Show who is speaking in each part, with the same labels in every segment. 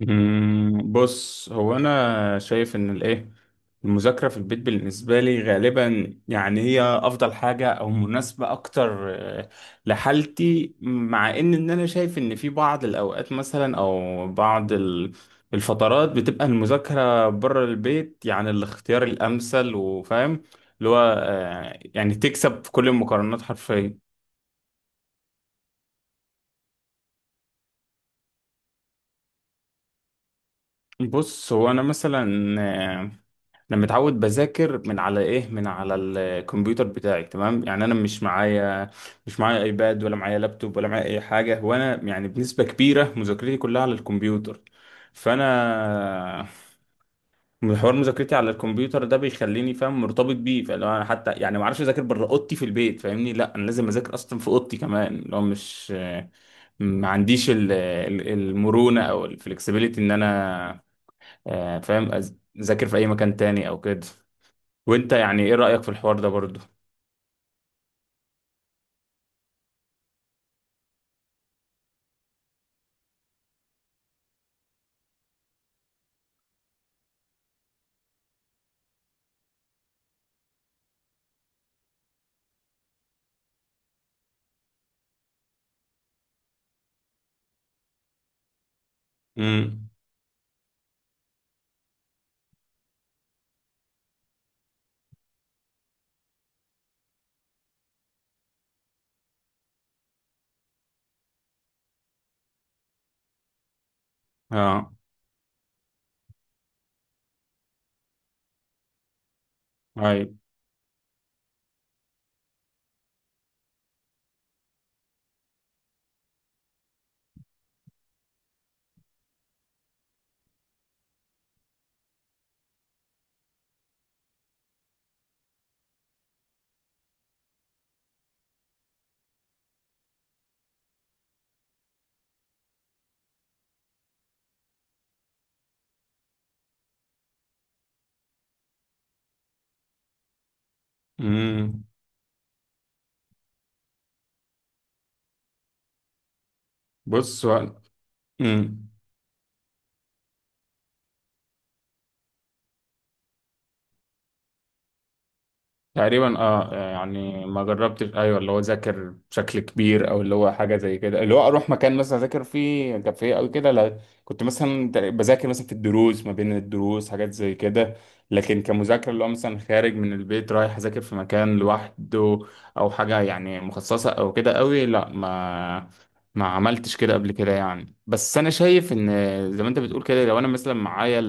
Speaker 1: بص هو انا شايف ان الايه المذاكره في البيت بالنسبه لي غالبا، يعني هي افضل حاجه او مناسبه اكتر، لحالتي. مع ان انا شايف ان في بعض الاوقات مثلا او بعض الفترات بتبقى المذاكره بره البيت يعني الاختيار الامثل. وفاهم اللي هو، يعني تكسب في كل المقارنات حرفيا. بص هو انا مثلا، انا متعود بذاكر من على ايه، من على الكمبيوتر بتاعي، تمام. يعني انا مش معايا ايباد ولا معايا لابتوب ولا معايا اي حاجه، وانا يعني بنسبه كبيره مذاكرتي كلها على الكمبيوتر. فانا حوار مذاكرتي على الكمبيوتر ده بيخليني فاهم مرتبط بيه، فلو انا حتى يعني ما اعرفش اذاكر بره اوضتي في البيت فاهمني، لا انا لازم اذاكر اصلا في اوضتي كمان. لو مش ما عنديش المرونه او الفلكسبيليتي ان انا، فاهم اذاكر في اي مكان تاني او كده. وانت يعني ايه رأيك في الحوار ده برضو؟ امم، اه، اي، امم، بص هو- امم. تقريبا اه، يعني ما جربتش، ايوه اللي هو ذاكر بشكل كبير او اللي هو حاجه زي كده اللي هو اروح مكان مثلا اذاكر فيه كافيه او كده، لا. كنت مثلا بذاكر مثلا في الدروس، ما بين الدروس، حاجات زي كده. لكن كمذاكره اللي هو مثلا خارج من البيت رايح اذاكر في مكان لوحده او حاجه يعني مخصصه او كده قوي، لا، ما عملتش كده قبل كده يعني. بس انا شايف ان زي ما انت بتقول كده، لو انا مثلا معايا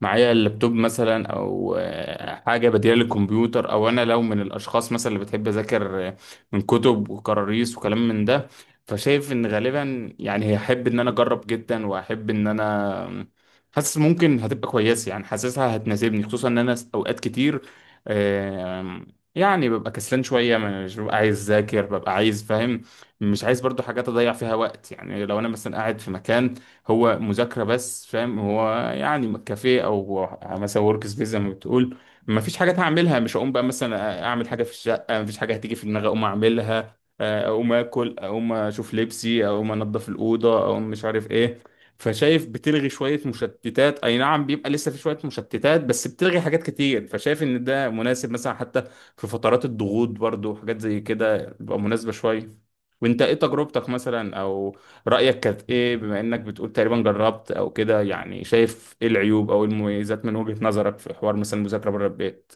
Speaker 1: معايا اللابتوب مثلا، او حاجه بديله للكمبيوتر، او انا لو من الاشخاص مثلا اللي بتحب اذاكر من كتب وكراريس وكلام من ده، فشايف ان غالبا يعني هحب ان انا اجرب جدا، واحب ان انا حاسس ممكن هتبقى كويسه، يعني حاسسها هتناسبني، خصوصا ان انا اوقات كتير، آم، يعني ببقى كسلان شويه، مش ببقى عايز اذاكر، ببقى عايز فاهم، مش عايز برضو حاجات اضيع فيها وقت. يعني لو انا مثلا قاعد في مكان هو مذاكرة بس فاهم، هو يعني كافيه او مثلا ورك سبيس زي ما بتقول، ما فيش حاجات هعملها، مش هقوم بقى مثلا اعمل حاجة في الشقة، ما فيش حاجة هتيجي في دماغي اقوم اعملها، اقوم اكل، اقوم اشوف لبسي، اقوم انضف الأوضة، اقوم مش عارف ايه. فشايف بتلغي شوية مشتتات، أي نعم بيبقى لسه في شوية مشتتات، بس بتلغي حاجات كتير. فشايف إن ده مناسب مثلا حتى في فترات الضغوط، برضو حاجات زي كده بتبقى مناسبة شوية. وأنت إيه تجربتك مثلا، أو رأيك كانت ايه؟ بما انك بتقول تقريبا جربت او كده، يعني شايف ايه العيوب او إيه المميزات من وجهة نظرك في حوار مثلا المذاكرة بره البيت؟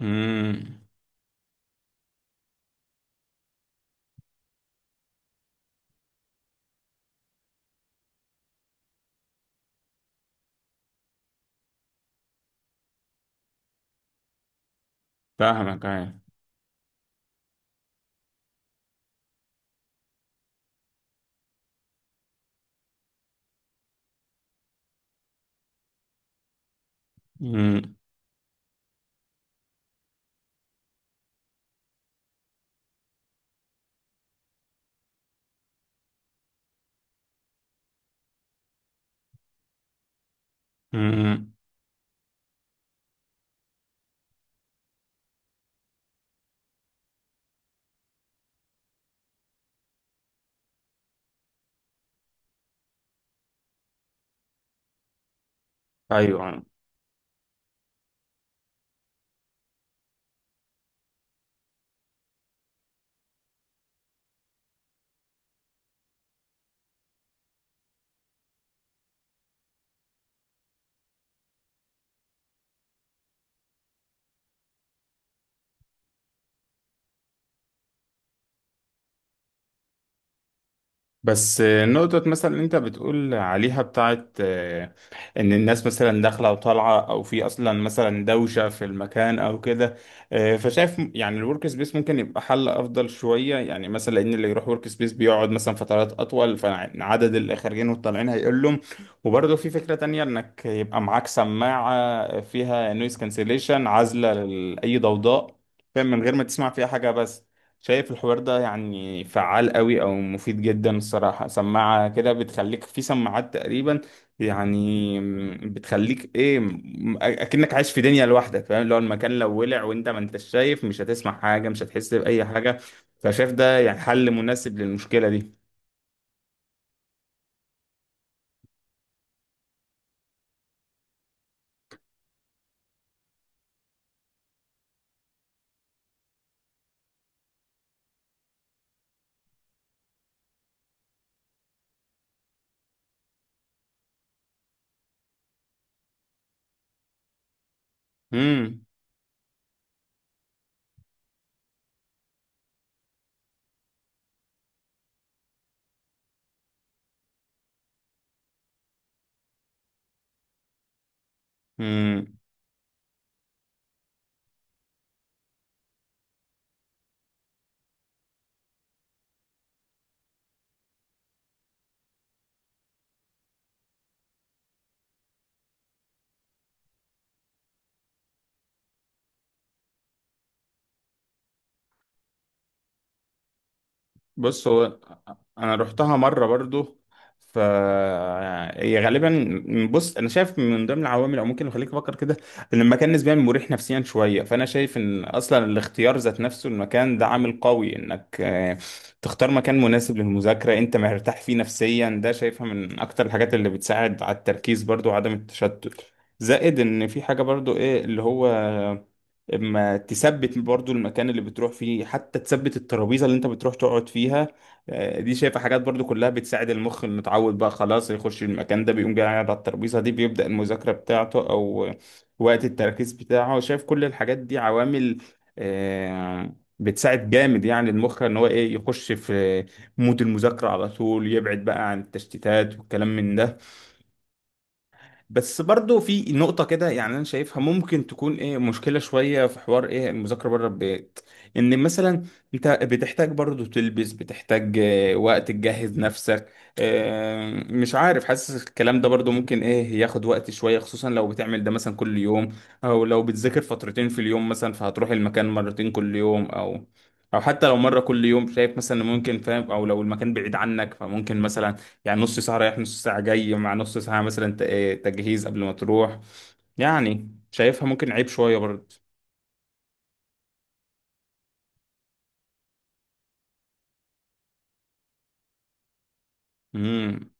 Speaker 1: امم، فاهمك، ايوه، امم، امم، ايوه. بس نقطة مثلا اللي انت بتقول عليها بتاعت، ان الناس مثلا داخلة وطالعة، او في اصلا مثلا دوشة في المكان او كده، فشايف يعني الورك سبيس ممكن يبقى حل افضل شوية. يعني مثلا ان اللي يروح ورك سبيس بيقعد مثلا فترات اطول، فعدد اللي خارجين والطالعين هيقلهم. وبرضه في فكرة تانية انك يبقى معاك سماعة فيها نويز كانسليشن عازلة لأي ضوضاء، فاهم، من غير ما تسمع فيها حاجة. بس شايف الحوار ده يعني فعال قوي او مفيد جدا الصراحة. سماعة كده بتخليك في سماعات تقريبا، يعني بتخليك ايه، اكنك عايش في دنيا لوحدك فاهم. لو المكان لو ولع وانت ما انتش شايف، مش هتسمع حاجة، مش هتحس بأي حاجة. فشايف ده يعني حل مناسب للمشكلة دي. امم، امم. بص هو انا رحتها مره برضو. ف هي غالبا بص، انا شايف من ضمن العوامل او ممكن اللي يخليك تفكر كده ان المكان نسبيا مريح نفسيا شويه. فانا شايف ان اصلا الاختيار ذات نفسه المكان ده عامل قوي انك تختار مكان مناسب للمذاكره انت مرتاح فيه نفسيا، ده شايفها من اكتر الحاجات اللي بتساعد على التركيز برضو، وعدم التشتت. زائد ان في حاجه برضو ايه اللي هو اما تثبت برضو المكان اللي بتروح فيه، حتى تثبت الترابيزه اللي انت بتروح تقعد فيها، دي شايفه حاجات برضو كلها بتساعد المخ انه يتعود بقى خلاص يخش المكان ده، بيقوم جاي قاعد على الترابيزه دي بيبدا المذاكره بتاعته او وقت التركيز بتاعه. شايف كل الحاجات دي عوامل بتساعد جامد يعني المخ ان هو ايه يخش في مود المذاكره على طول، يبعد بقى عن التشتيتات والكلام من ده. بس برضو في نقطة كده يعني أنا شايفها ممكن تكون إيه مشكلة شوية في حوار إيه المذاكرة بره البيت، إن مثلا أنت بتحتاج برضو تلبس، بتحتاج وقت تجهز نفسك. مش عارف حاسس الكلام ده برضو ممكن إيه ياخد وقت شوية، خصوصا لو بتعمل ده مثلا كل يوم، أو لو بتذاكر فترتين في اليوم مثلا فهتروح المكان مرتين كل يوم، أو حتى لو مرة كل يوم، شايف مثلا إن ممكن فاهم. أو لو المكان بعيد عنك فممكن مثلا يعني نص ساعة رايح نص ساعة جاي مع نص ساعة مثلا تجهيز قبل ما تروح. يعني شايفها ممكن عيب شوية برضه. امم،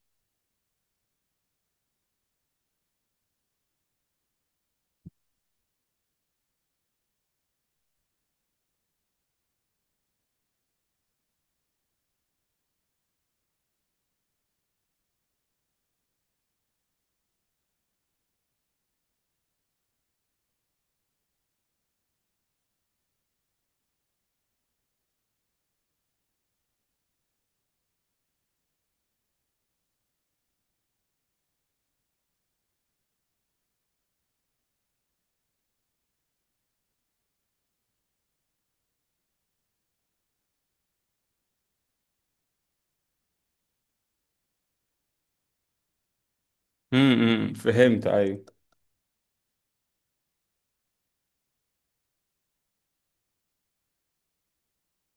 Speaker 1: امم، فهمت، ايوه.